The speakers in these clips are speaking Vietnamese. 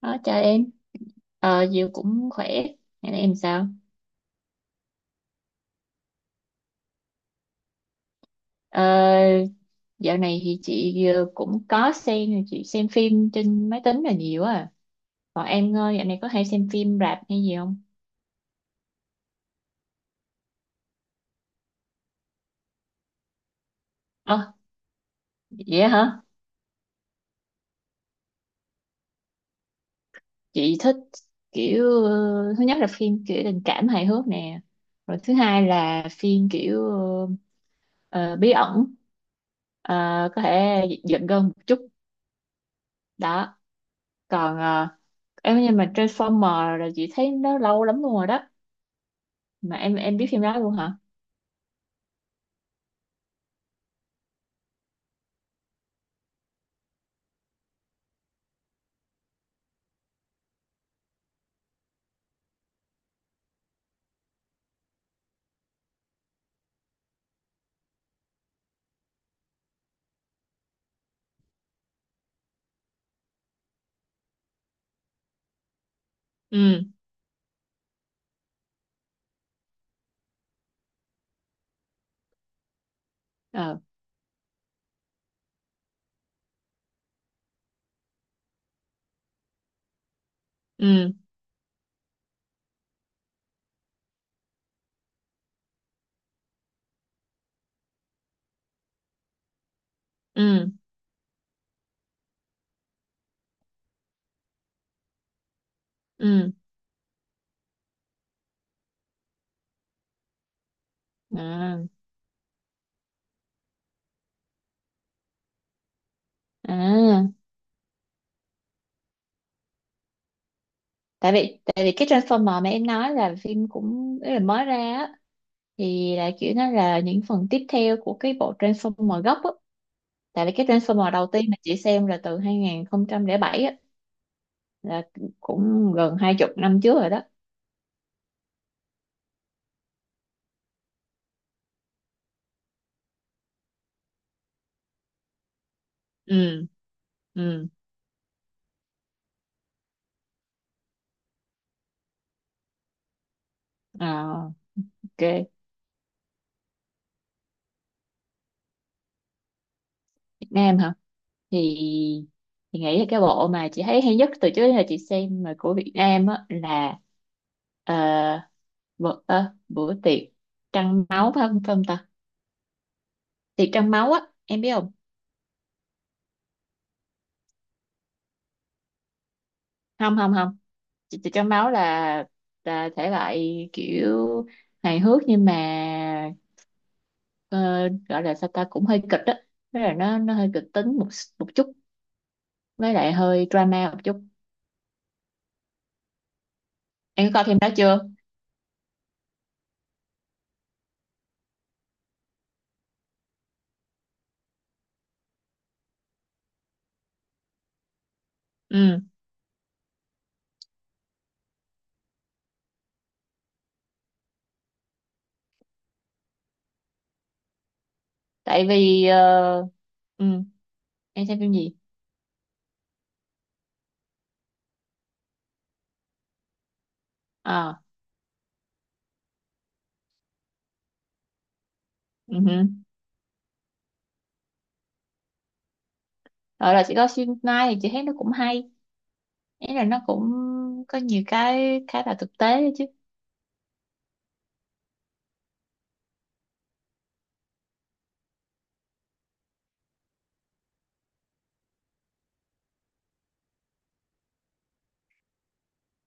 Đó, chào em. Ờ, Diệu cũng khỏe. Ngày nay em sao? Ờ, dạo này thì chị cũng có xem, chị xem phim trên máy tính là nhiều à. Còn em dạo này có hay xem phim rạp hay gì không? Ờ, vậy hả? Chị thích kiểu, thứ nhất là phim kiểu tình cảm hài hước nè. Rồi thứ hai là phim kiểu ờ, bí ẩn. Ờ, có thể giận gân một chút. Đó. Còn ờ, em nhưng mà Transformer là chị thấy nó lâu lắm luôn rồi đó. Mà em biết phim đó luôn hả? Ừ. Ờ. Ừ. Ừ. Ừ. À, à. Tại vì cái Transformer mà em nói là phim cũng ý là mới ra á, thì là kiểu nó là những phần tiếp theo của cái bộ Transformer gốc á. Tại vì cái Transformer đầu tiên mà chị xem là từ 2007 á, là cũng gần 20 năm trước rồi đó. Ừ. Ừ. À, ok. Nam hả? Thì thì nghĩ là cái bộ mà chị thấy hay nhất từ trước đến giờ chị xem mà của Việt Nam á là ờ, bữa tiệc trăng máu phải không ta? Tiệc trăng máu á, em biết không? Không, không, không. Tiệc trăng máu là thể loại kiểu hài hước nhưng mà ờ, gọi là sao ta cũng hơi kịch á. Tức là nó hơi kịch tính một một chút với lại hơi drama một chút. Em có coi phim đó chưa? Ừ, tại vì ừ. Em xem phim gì ờ ừ hử. Rồi là chị có phim Mai thì chị thấy nó cũng hay, ý là nó cũng có nhiều cái khá là thực tế đấy chứ.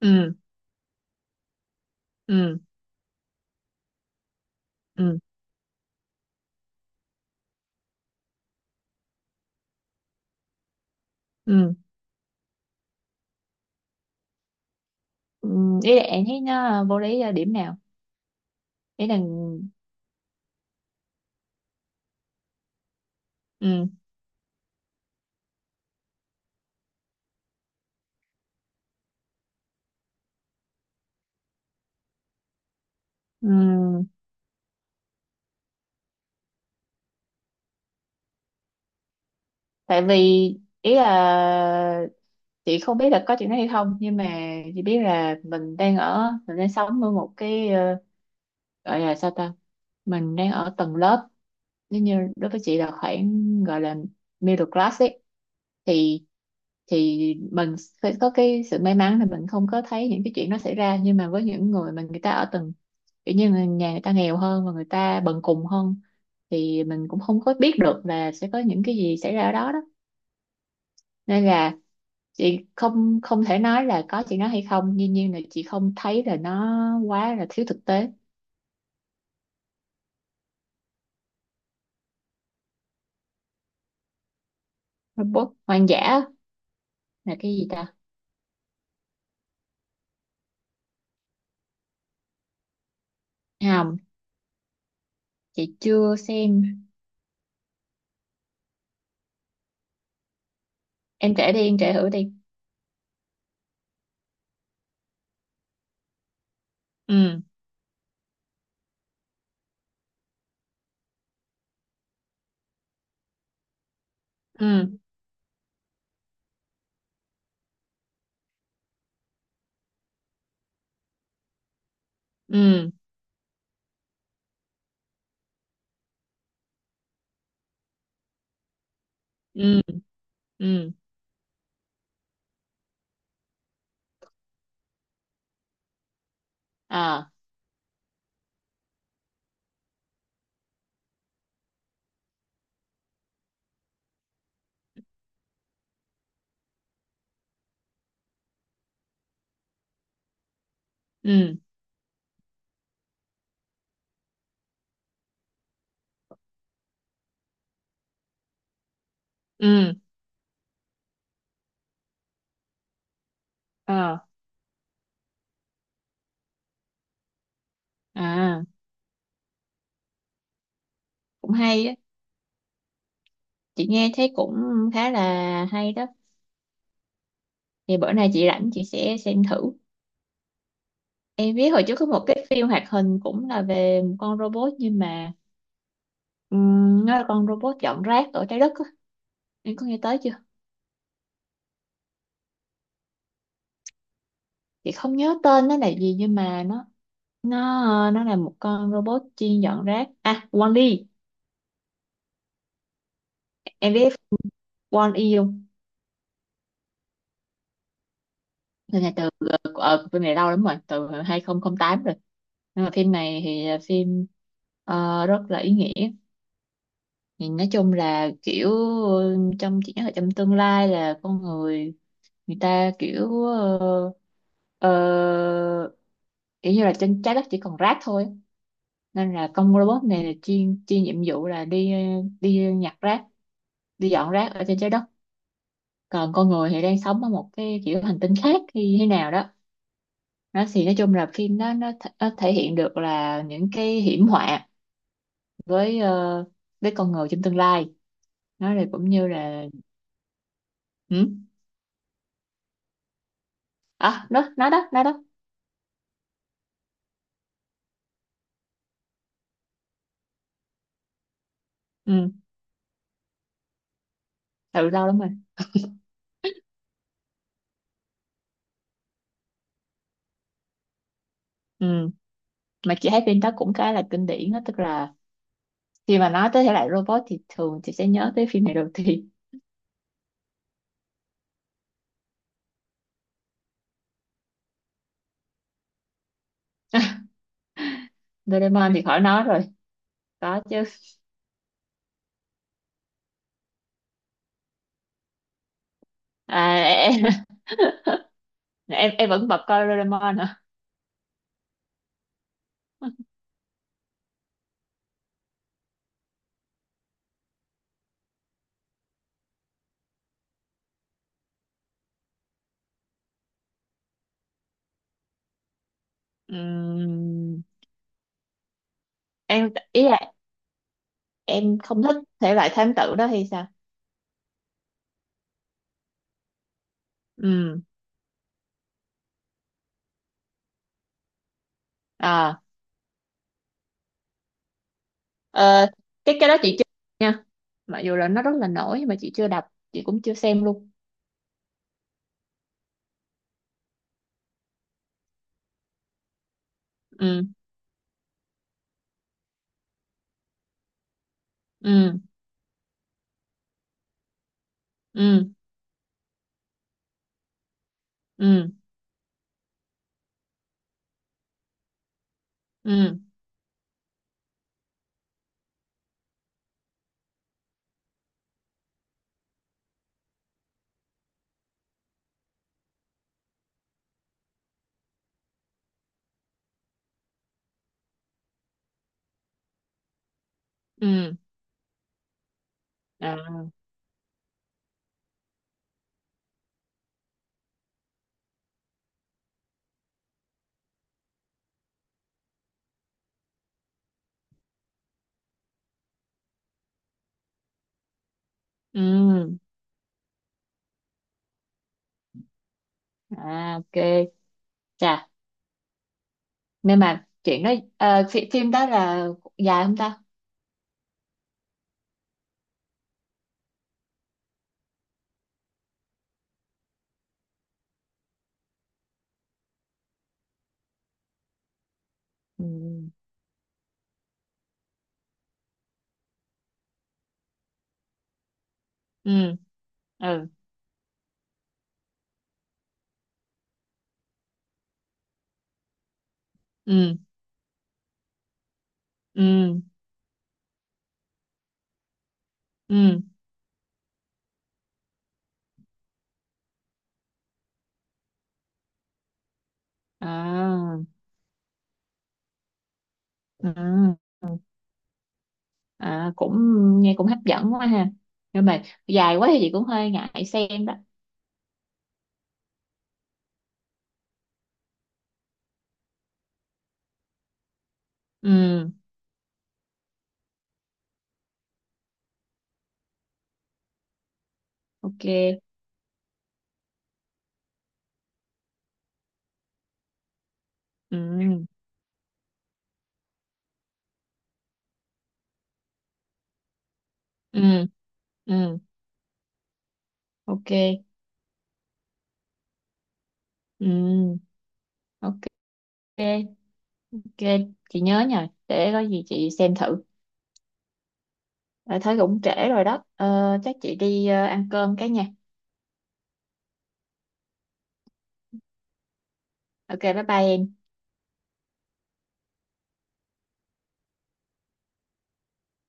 Ừ. Ừ. Ừ. Ừ. Ừ, ý là em thấy nó vô lý ở điểm nào? Ý là. Ừ. Ừ. Tại vì ý là chị không biết là có chuyện đó hay không, nhưng mà chị biết là mình đang sống ở một cái, gọi là sao ta, mình đang ở tầng lớp, nếu như đối với chị là khoảng gọi là middle class ấy, thì thì mình phải có cái sự may mắn là mình không có thấy những cái chuyện nó xảy ra, nhưng mà với những người mà người ta ở tầng, kiểu như là nhà người ta nghèo hơn và người ta bần cùng hơn, thì mình cũng không có biết được là sẽ có những cái gì xảy ra ở đó đó. Nên là chị không không thể nói là có chị nó hay không, dĩ nhiên là chị không thấy là nó quá là thiếu thực tế. Robot hoang dã là cái gì ta? Không, chị chưa xem. Em kể đi, em kể thử đi. Ừ. Ừ. Ừ. Ừ. Ừ. À. Ừ. Ừ. Ờ. À, cũng hay á, chị nghe thấy cũng khá là hay đó, thì bữa nay chị rảnh chị sẽ xem thử. Em biết hồi trước có một cái phim hoạt hình cũng là về một con robot nhưng mà nó là con robot dọn rác ở trái đất á, em có nghe tới chưa? Chị không nhớ tên nó là gì nhưng mà nó là một con robot chuyên dọn rác, à Wall-E. Em biết Wall-E không? Phim này lâu lắm rồi, từ 2008 rồi, nhưng mà phim này thì là phim, rất là ý nghĩa. Thì nói chung là kiểu, ừ, trong chị nhớ là trong tương lai là con người, người ta ờ, kiểu như là trên trái đất chỉ còn rác thôi, nên là con robot này là chuyên chuyên nhiệm vụ là đi đi nhặt rác, đi dọn rác ở trên trái đất, còn con người thì đang sống ở một cái kiểu hành tinh khác hay thế nào đó. Nó thì nói chung là phim đó nó thể hiện được là những cái hiểm họa với với con người trong tương lai. Nó là cũng như là. Ừ. À, nó đó, nó đó. Ừ, từ lâu lắm rồi. Ừ, mà chị thấy phim đó cũng khá là kinh điển đó, tức là khi mà nói tới thể loại robot thì thường chị sẽ nhớ tới phim này đầu tiên. Doraemon thì khỏi nói rồi, có chứ. À, em vẫn bật coi Doraemon hả? Ừm, em ý là em không thích thể loại thám tử đó hay sao? Ừm. À, ờ, cái đó chị chưa, nha, mặc dù là nó rất là nổi nhưng mà chị chưa đọc, chị cũng chưa xem luôn. Ừ. Ừ. Ừ. Ừ. Ừ. Ừ. Ừ. À, ừ. À, ok. Chà, nên mà chuyện đó phim đó là dài không ta? Ừ. Ừ. Ừ. Ừ. Ừ. Ừ. À. Ừ. Ừ. À, cũng nghe cũng hấp dẫn quá ha, nhưng mà dài quá thì chị cũng hơi ngại xem đó. Ừ. Ok. Ừ. Ừ. Ừ. Ok. Ừ. Ok. Ok, chị nhớ nhờ để có gì chị xem thử. Ờ, thấy cũng trễ rồi đó. Ờ, Chắc chị đi ăn cơm cái nha. Ok, bye bye em.